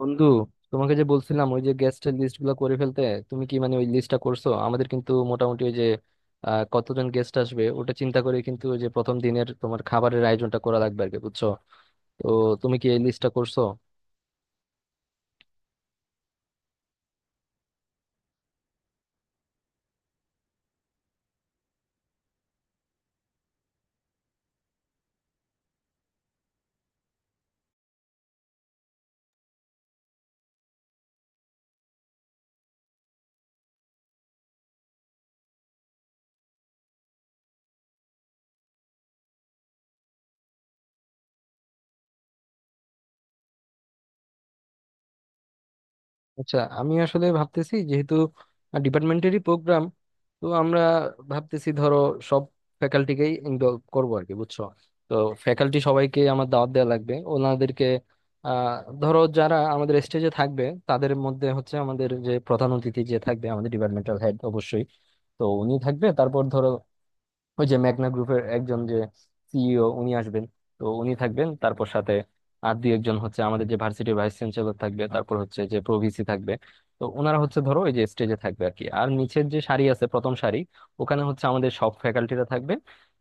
বন্ধু, তোমাকে যে বলছিলাম ওই যে গেস্টের লিস্ট গুলো করে ফেলতে, তুমি কি মানে ওই লিস্টটা করছো? আমাদের কিন্তু মোটামুটি ওই যে কতজন গেস্ট আসবে ওটা চিন্তা করে কিন্তু ওই যে প্রথম দিনের তোমার খাবারের আয়োজনটা করা লাগবে আর কি, বুঝছো? তো তুমি কি এই লিস্টটা করছো? আচ্ছা, আমি আসলে ভাবতেছি যেহেতু ডিপার্টমেন্টেরই প্রোগ্রাম, তো আমরা ভাবতেছি ধরো সব ফ্যাকাল্টিকেই ইনভলভ করবো আর কি, বুঝছো? তো ফ্যাকাল্টি সবাইকে আমার দাওয়াত দেওয়া লাগবে ওনাদেরকে। আহ ধরো যারা আমাদের স্টেজে থাকবে, তাদের মধ্যে হচ্ছে আমাদের যে প্রধান অতিথি যে থাকবে আমাদের ডিপার্টমেন্টাল হেড অবশ্যই। তো উনি থাকবে, তারপর ধরো ওই যে মেঘনা গ্রুপের একজন যে সিইও, উনি আসবেন। তো উনি থাকবেন, তারপর সাথে আর দুই একজন হচ্ছে আমাদের যে ভার্সিটির ভাইস চ্যান্সেলর থাকবে, তারপর হচ্ছে যে প্রভিসি থাকবে। তো ওনারা হচ্ছে ধরো ওই যে স্টেজে থাকবে আর কি। আর নিচের যে সারি আছে, প্রথম সারি, ওখানে হচ্ছে আমাদের সব ফ্যাকাল্টিরা থাকবে।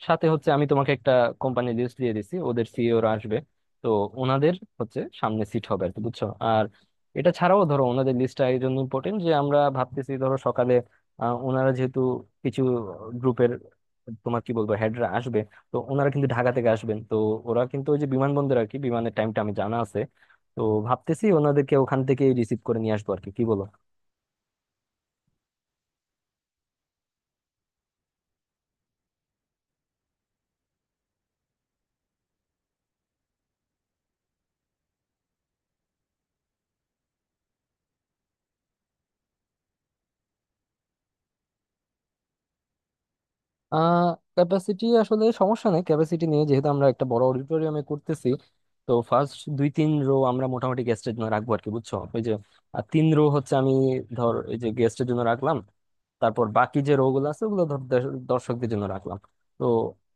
সাথে হচ্ছে আমি তোমাকে একটা কোম্পানি লিস্ট দিয়ে দিছি, ওদের সিইওরা আসবে। তো ওনাদের হচ্ছে সামনে সিট হবে আর কি, বুঝছো? আর এটা ছাড়াও ধরো ওনাদের লিস্টটা এই জন্য ইম্পর্টেন্ট যে, আমরা ভাবতেছি ধরো সকালে ওনারা যেহেতু কিছু গ্রুপের তোমার কি বলবো হেডরা আসবে। তো ওনারা কিন্তু ঢাকা থেকে আসবেন, তো ওরা কিন্তু ওই যে বিমানবন্দর আর কি, বিমানের টাইমটা আমি জানা আছে। তো ভাবতেছি ওনাদেরকে ওখান থেকে রিসিভ করে নিয়ে আসবো আর কি, কি বলো? আহ ক্যাপাসিটি আসলে সমস্যা নেই, ক্যাপাসিটি নিয়ে, যেহেতু আমরা একটা বড় অডিটোরিয়ামে করতেছি। তো ফার্স্ট 2-3 রো আমরা মোটামুটি গেস্টের জন্য রাখবো আর কি, বুঝছো? ওই যে 3 রো হচ্ছে আমি ধর এই যে গেস্টের জন্য রাখলাম, তারপর বাকি যে রো গুলো আছে ওগুলো ধর দর্শকদের জন্য রাখলাম। তো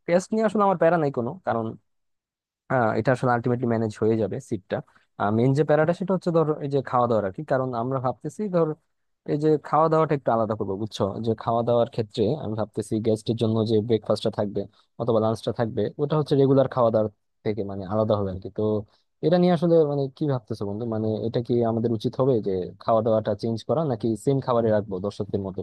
গেস্ট নিয়ে আসলে আমার প্যারা নাই কোনো, কারণ এটা আসলে আলটিমেটলি ম্যানেজ হয়ে যাবে সিটটা। মেন যে প্যারাটা সেটা হচ্ছে ধর এই যে খাওয়া দাওয়ার আর কি, কারণ আমরা ভাবতেছি ধর এই যে খাওয়া দাওয়াটা একটু আলাদা করবো, বুঝছো? যে খাওয়া দাওয়ার ক্ষেত্রে আমি ভাবতেছি গেস্টের জন্য যে ব্রেকফাস্টটা থাকবে অথবা লাঞ্চটা থাকবে, ওটা হচ্ছে রেগুলার খাওয়া দাওয়ার থেকে মানে আলাদা হবে আর কি। তো এটা নিয়ে আসলে মানে কি ভাবতেছো বন্ধু, মানে এটা কি আমাদের উচিত হবে যে খাওয়া দাওয়াটা চেঞ্জ করা, নাকি সেম খাবারে রাখবো দর্শকদের মতো?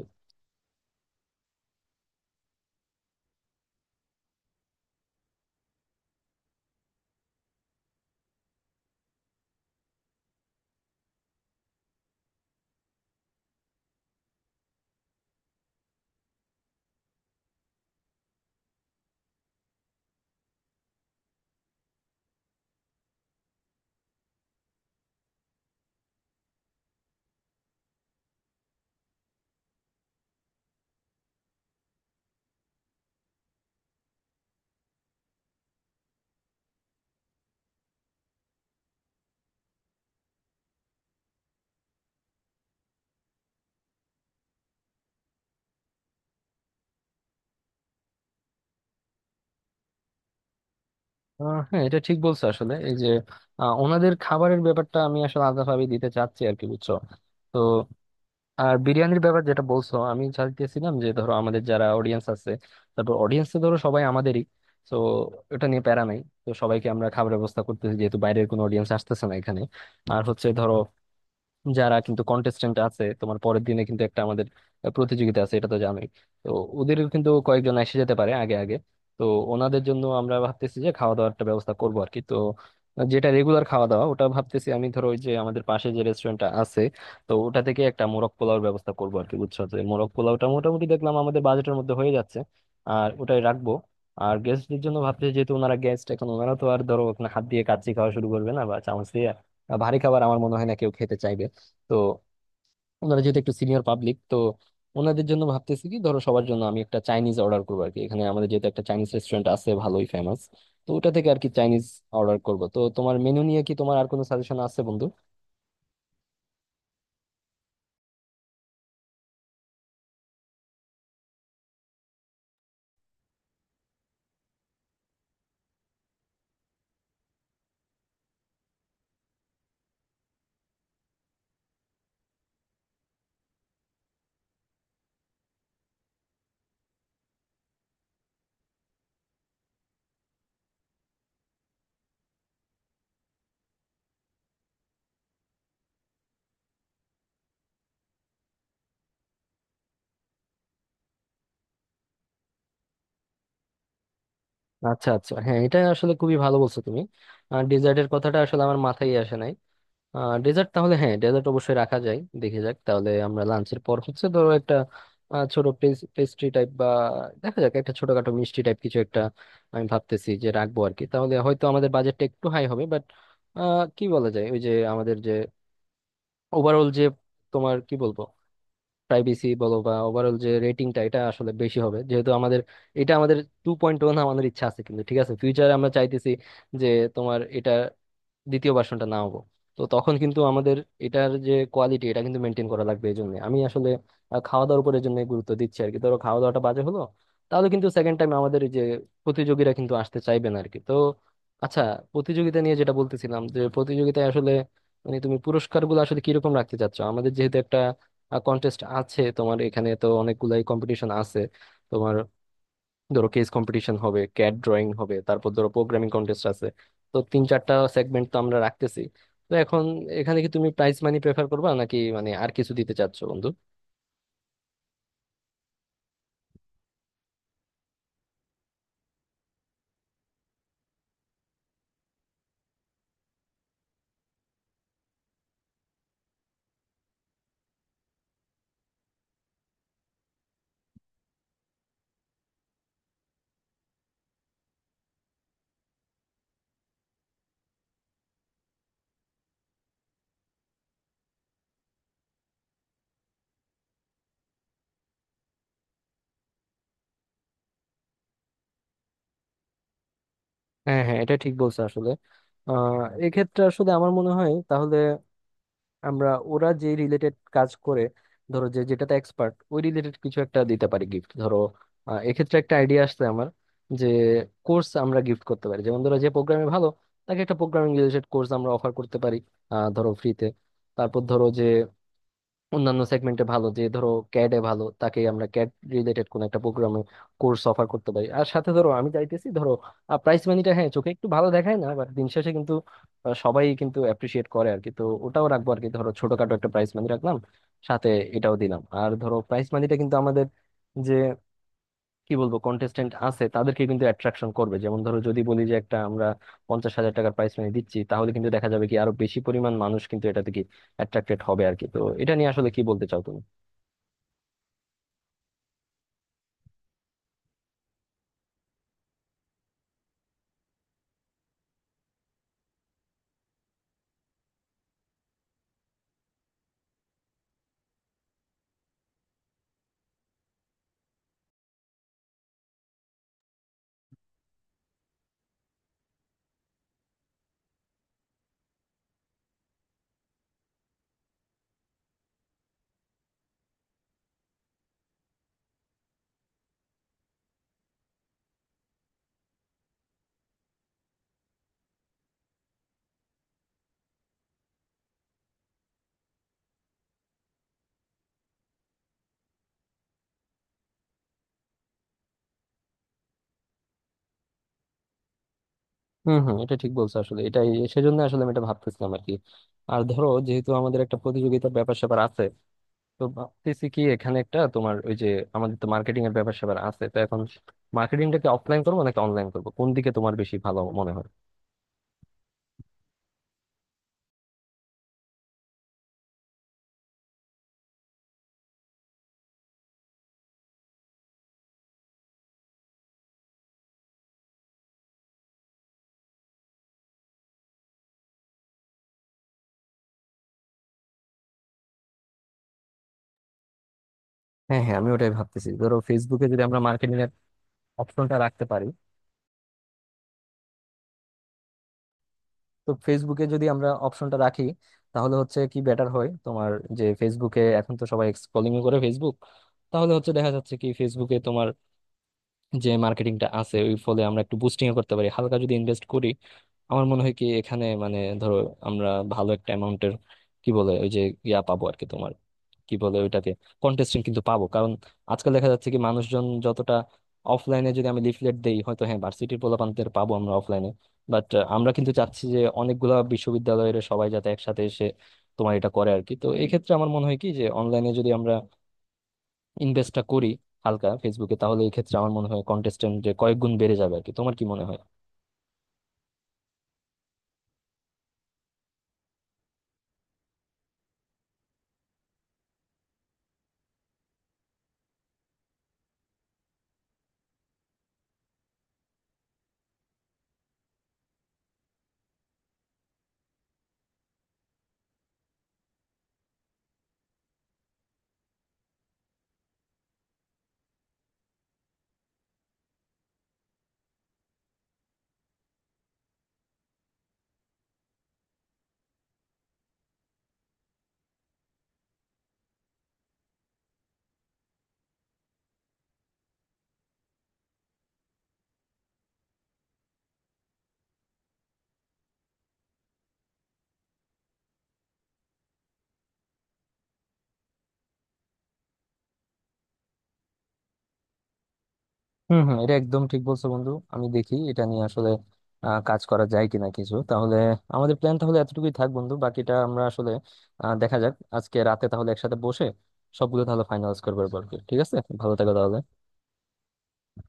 হ্যাঁ, এটা ঠিক বলছো আসলে। এই যে ওনাদের খাবারের ব্যাপারটা আমি আসলে আলাদাভাবে দিতে চাচ্ছি আর কি, বুঝছো? তো আর বিরিয়ানির ব্যাপার যেটা বলছো, আমি চাইতেছিলাম যে ধরো আমাদের যারা অডিয়েন্স আছে, তারপর অডিয়েন্স তো ধরো সবাই আমাদেরই। তো এটা নিয়ে প্যারা নাই। তো সবাইকে আমরা খাবারের ব্যবস্থা করতেছি, যেহেতু বাইরের কোনো অডিয়েন্স আসতেছে না এখানে। আর হচ্ছে ধরো যারা কিন্তু কন্টেস্টেন্ট আছে, তোমার পরের দিনে কিন্তু একটা আমাদের প্রতিযোগিতা আছে, এটা তো জানোই। তো ওদের কিন্তু কয়েকজন এসে যেতে পারে আগে আগে। তো ওনাদের জন্য আমরা ভাবতেছি যে খাওয়া দাওয়ার একটা ব্যবস্থা করবো আর কি। তো যেটা রেগুলার খাওয়া দাওয়া ওটা ভাবতেছি আমি, ধরো ওই যে আমাদের পাশে যে রেস্টুরেন্টটা আছে, তো ওটা থেকে একটা মোরগ পোলাওর ব্যবস্থা করবো আর কি, বুঝছো? তো এই মোরগ পোলাওটা মোটামুটি দেখলাম আমাদের বাজেটের মধ্যে হয়ে যাচ্ছে, আর ওটাই রাখবো। আর গেস্টদের জন্য ভাবতেছি, যেহেতু ওনারা গেস্ট, এখন ওনারা তো আর ধরো এখন হাত দিয়ে কাচ্চি খাওয়া শুরু করবে না বা চামচ দিয়ে ভারী খাবার, আমার মনে হয় না কেউ খেতে চাইবে। তো ওনারা যেহেতু একটু সিনিয়র পাবলিক, তো ওনাদের জন্য ভাবতেছি কি ধরো সবার জন্য আমি একটা চাইনিজ অর্ডার করবো আর কি। এখানে আমাদের যেহেতু একটা চাইনিজ রেস্টুরেন্ট আছে ভালোই ফেমাস, তো ওটা থেকে আর কি চাইনিজ অর্ডার করব। তো তোমার মেনু নিয়ে কি তোমার আর কোনো সাজেশন আছে বন্ধু? আচ্ছা আচ্ছা, হ্যাঁ, এটা আসলে খুবই ভালো বলছো তুমি। আর ডেজার্টের কথাটা আসলে আমার মাথায় আসে নাই। ডেজার্ট তাহলে, হ্যাঁ, ডেজার্ট অবশ্যই রাখা যায়। দেখে যাক তাহলে আমরা লাঞ্চের পর হচ্ছে ধরো একটা ছোট পেস্ট্রি টাইপ বা দেখা যাক একটা ছোটখাটো মিষ্টি টাইপ কিছু একটা আমি ভাবতেছি যে রাখবো আর কি। তাহলে হয়তো আমাদের বাজেটটা একটু হাই হবে, বাট কি বলা যায় ওই যে আমাদের যে ওভারঅল যে তোমার কি বলবো প্রাইভেসি বলো বা ওভারঅল যে রেটিংটা, এটা আসলে বেশি হবে যেহেতু আমাদের এটা আমাদের 2.1 আমাদের ইচ্ছা আছে। কিন্তু ঠিক আছে, ফিউচারে আমরা চাইতেছি যে তোমার এটা দ্বিতীয় ভার্সনটা না হবো। তো তখন কিন্তু আমাদের এটার যে কোয়ালিটি, এটা কিন্তু মেনটেন করা লাগবে। এই জন্য আমি আসলে খাওয়া দাওয়ার উপর এই জন্য গুরুত্ব দিচ্ছি আর কি। ধরো খাওয়া দাওয়াটা বাজে হলো, তাহলে কিন্তু সেকেন্ড টাইম আমাদের এই যে প্রতিযোগীরা কিন্তু আসতে চাইবে না আর কি। তো আচ্ছা, প্রতিযোগিতা নিয়ে যেটা বলতেছিলাম যে প্রতিযোগিতায় আসলে মানে তুমি পুরস্কার গুলো আসলে কিরকম রাখতে চাচ্ছ? আমাদের যেহেতু একটা কন্টেস্ট আছে তোমার, এখানে তো অনেকগুলাই কম্পিটিশন আছে তোমার। ধরো কেস কম্পিটিশন হবে, ক্যাড ড্রয়িং হবে, তারপর ধরো প্রোগ্রামিং কন্টেস্ট আছে। তো 3-4টা সেগমেন্ট তো আমরা রাখতেছি। তো এখন এখানে কি তুমি প্রাইজ মানি প্রেফার করবা নাকি মানে আর কিছু দিতে চাচ্ছো বন্ধু? হ্যাঁ হ্যাঁ, এটা ঠিক বলছো আসলে। আহ এক্ষেত্রে আসলে আমার মনে হয় তাহলে আমরা ওরা যে রিলেটেড কাজ করে, ধরো যে যেটাতে এক্সপার্ট, ওই রিলেটেড কিছু একটা দিতে পারি গিফট, ধরো। এক্ষেত্রে একটা আইডিয়া আসছে আমার, যে কোর্স আমরা গিফট করতে পারি। যেমন ধরো যে প্রোগ্রামে ভালো, তাকে একটা প্রোগ্রামিং রিলেটেড কোর্স আমরা অফার করতে পারি, ধরো ফ্রিতে। তারপর ধরো যে অন্যান্য সেগমেন্টে ভালো, যে ধরো ক্যাডে ভালো, তাকে আমরা ক্যাড রিলেটেড কোন একটা প্রোগ্রামে কোর্স অফার করতে পারি। আর সাথে ধরো আমি চাইতেছি, ধরো প্রাইস মানিটা হ্যাঁ চোখে একটু ভালো দেখায় না, বাট দিন শেষে কিন্তু সবাই কিন্তু অ্যাপ্রিসিয়েট করে আর কি। তো ওটাও রাখবো আর কি, ধরো ছোটখাটো একটা প্রাইস মানি রাখলাম সাথে, এটাও দিলাম। আর ধরো প্রাইস মানিটা কিন্তু আমাদের যে কি বলবো কন্টেস্টেন্ট আছে তাদেরকে কিন্তু অ্যাট্রাকশন করবে। যেমন ধরো যদি বলি যে একটা আমরা 50,000 টাকার প্রাইস মানি দিচ্ছি, তাহলে কিন্তু দেখা যাবে কি আরো বেশি পরিমাণ মানুষ কিন্তু এটাতে কি অ্যাট্রাক্টেড হবে আর কি। তো এটা নিয়ে আসলে কি বলতে চাও তুমি? হম হম, এটা ঠিক বলছো আসলে, এটাই সেজন্য আসলে আমি এটা ভাবতেছিলাম আর কি। আর ধরো যেহেতু আমাদের একটা প্রতিযোগিতার ব্যাপার স্যাপার আছে, তো ভাবতেছি কি এখানে একটা তোমার ওই যে আমাদের তো মার্কেটিং এর ব্যাপার স্যাপার আছে, তো এখন মার্কেটিংটাকে অফলাইন করবো নাকি অনলাইন করবো, কোন দিকে তোমার বেশি ভালো মনে হয়? হ্যাঁ হ্যাঁ, আমি ওটাই ভাবতেছি, ধরো ফেসবুকে যদি আমরা মার্কেটিং অপশনটা রাখতে পারি। তো ফেসবুকে যদি আমরা অপশনটা রাখি, তাহলে হচ্ছে কি বেটার হয় তোমার। যে ফেসবুকে এখন তো সবাই স্ক্রলিং করে ফেসবুক, তাহলে হচ্ছে দেখা যাচ্ছে কি ফেসবুকে তোমার যে মার্কেটিংটা আছে ওই ফলে আমরা একটু বুস্টিং করতে পারি হালকা যদি ইনভেস্ট করি। আমার মনে হয় কি এখানে মানে ধরো আমরা ভালো একটা অ্যামাউন্টের কি বলে ওই যে ইয়া পাবো আর কি তোমার, কি বলে ওইটাকে, কন্টেস্টেন্ট কিন্তু পাবো। কারণ আজকাল দেখা যাচ্ছে কি মানুষজন যতটা অফলাইনে যদি আমি লিফলেট দেই, হয়তো হ্যাঁ ভার্সিটির পোলাপানদের পাবো আমরা অফলাইনে, বাট আমরা কিন্তু চাচ্ছি যে অনেকগুলা বিশ্ববিদ্যালয়ের সবাই যাতে একসাথে এসে তোমার এটা করে আর কি। তো এই ক্ষেত্রে আমার মনে হয় কি যে অনলাইনে যদি আমরা ইনভেস্টটা করি হালকা ফেসবুকে, তাহলে এই ক্ষেত্রে আমার মনে হয় কন্টেস্টেন্ট যে কয়েক গুণ বেড়ে যাবে আর কি। তোমার কি মনে হয়? হম হম, এটা একদম ঠিক বলছো বন্ধু। আমি দেখি এটা নিয়ে আসলে কাজ করা যায় কিনা কিছু। তাহলে আমাদের প্ল্যান তাহলে এতটুকুই থাক বন্ধু, বাকিটা আমরা আসলে দেখা যাক আজকে রাতে তাহলে একসাথে বসে সবগুলো তাহলে ফাইনালাইজ করবো এরপর কি। ঠিক আছে, ভালো থাকো তাহলে।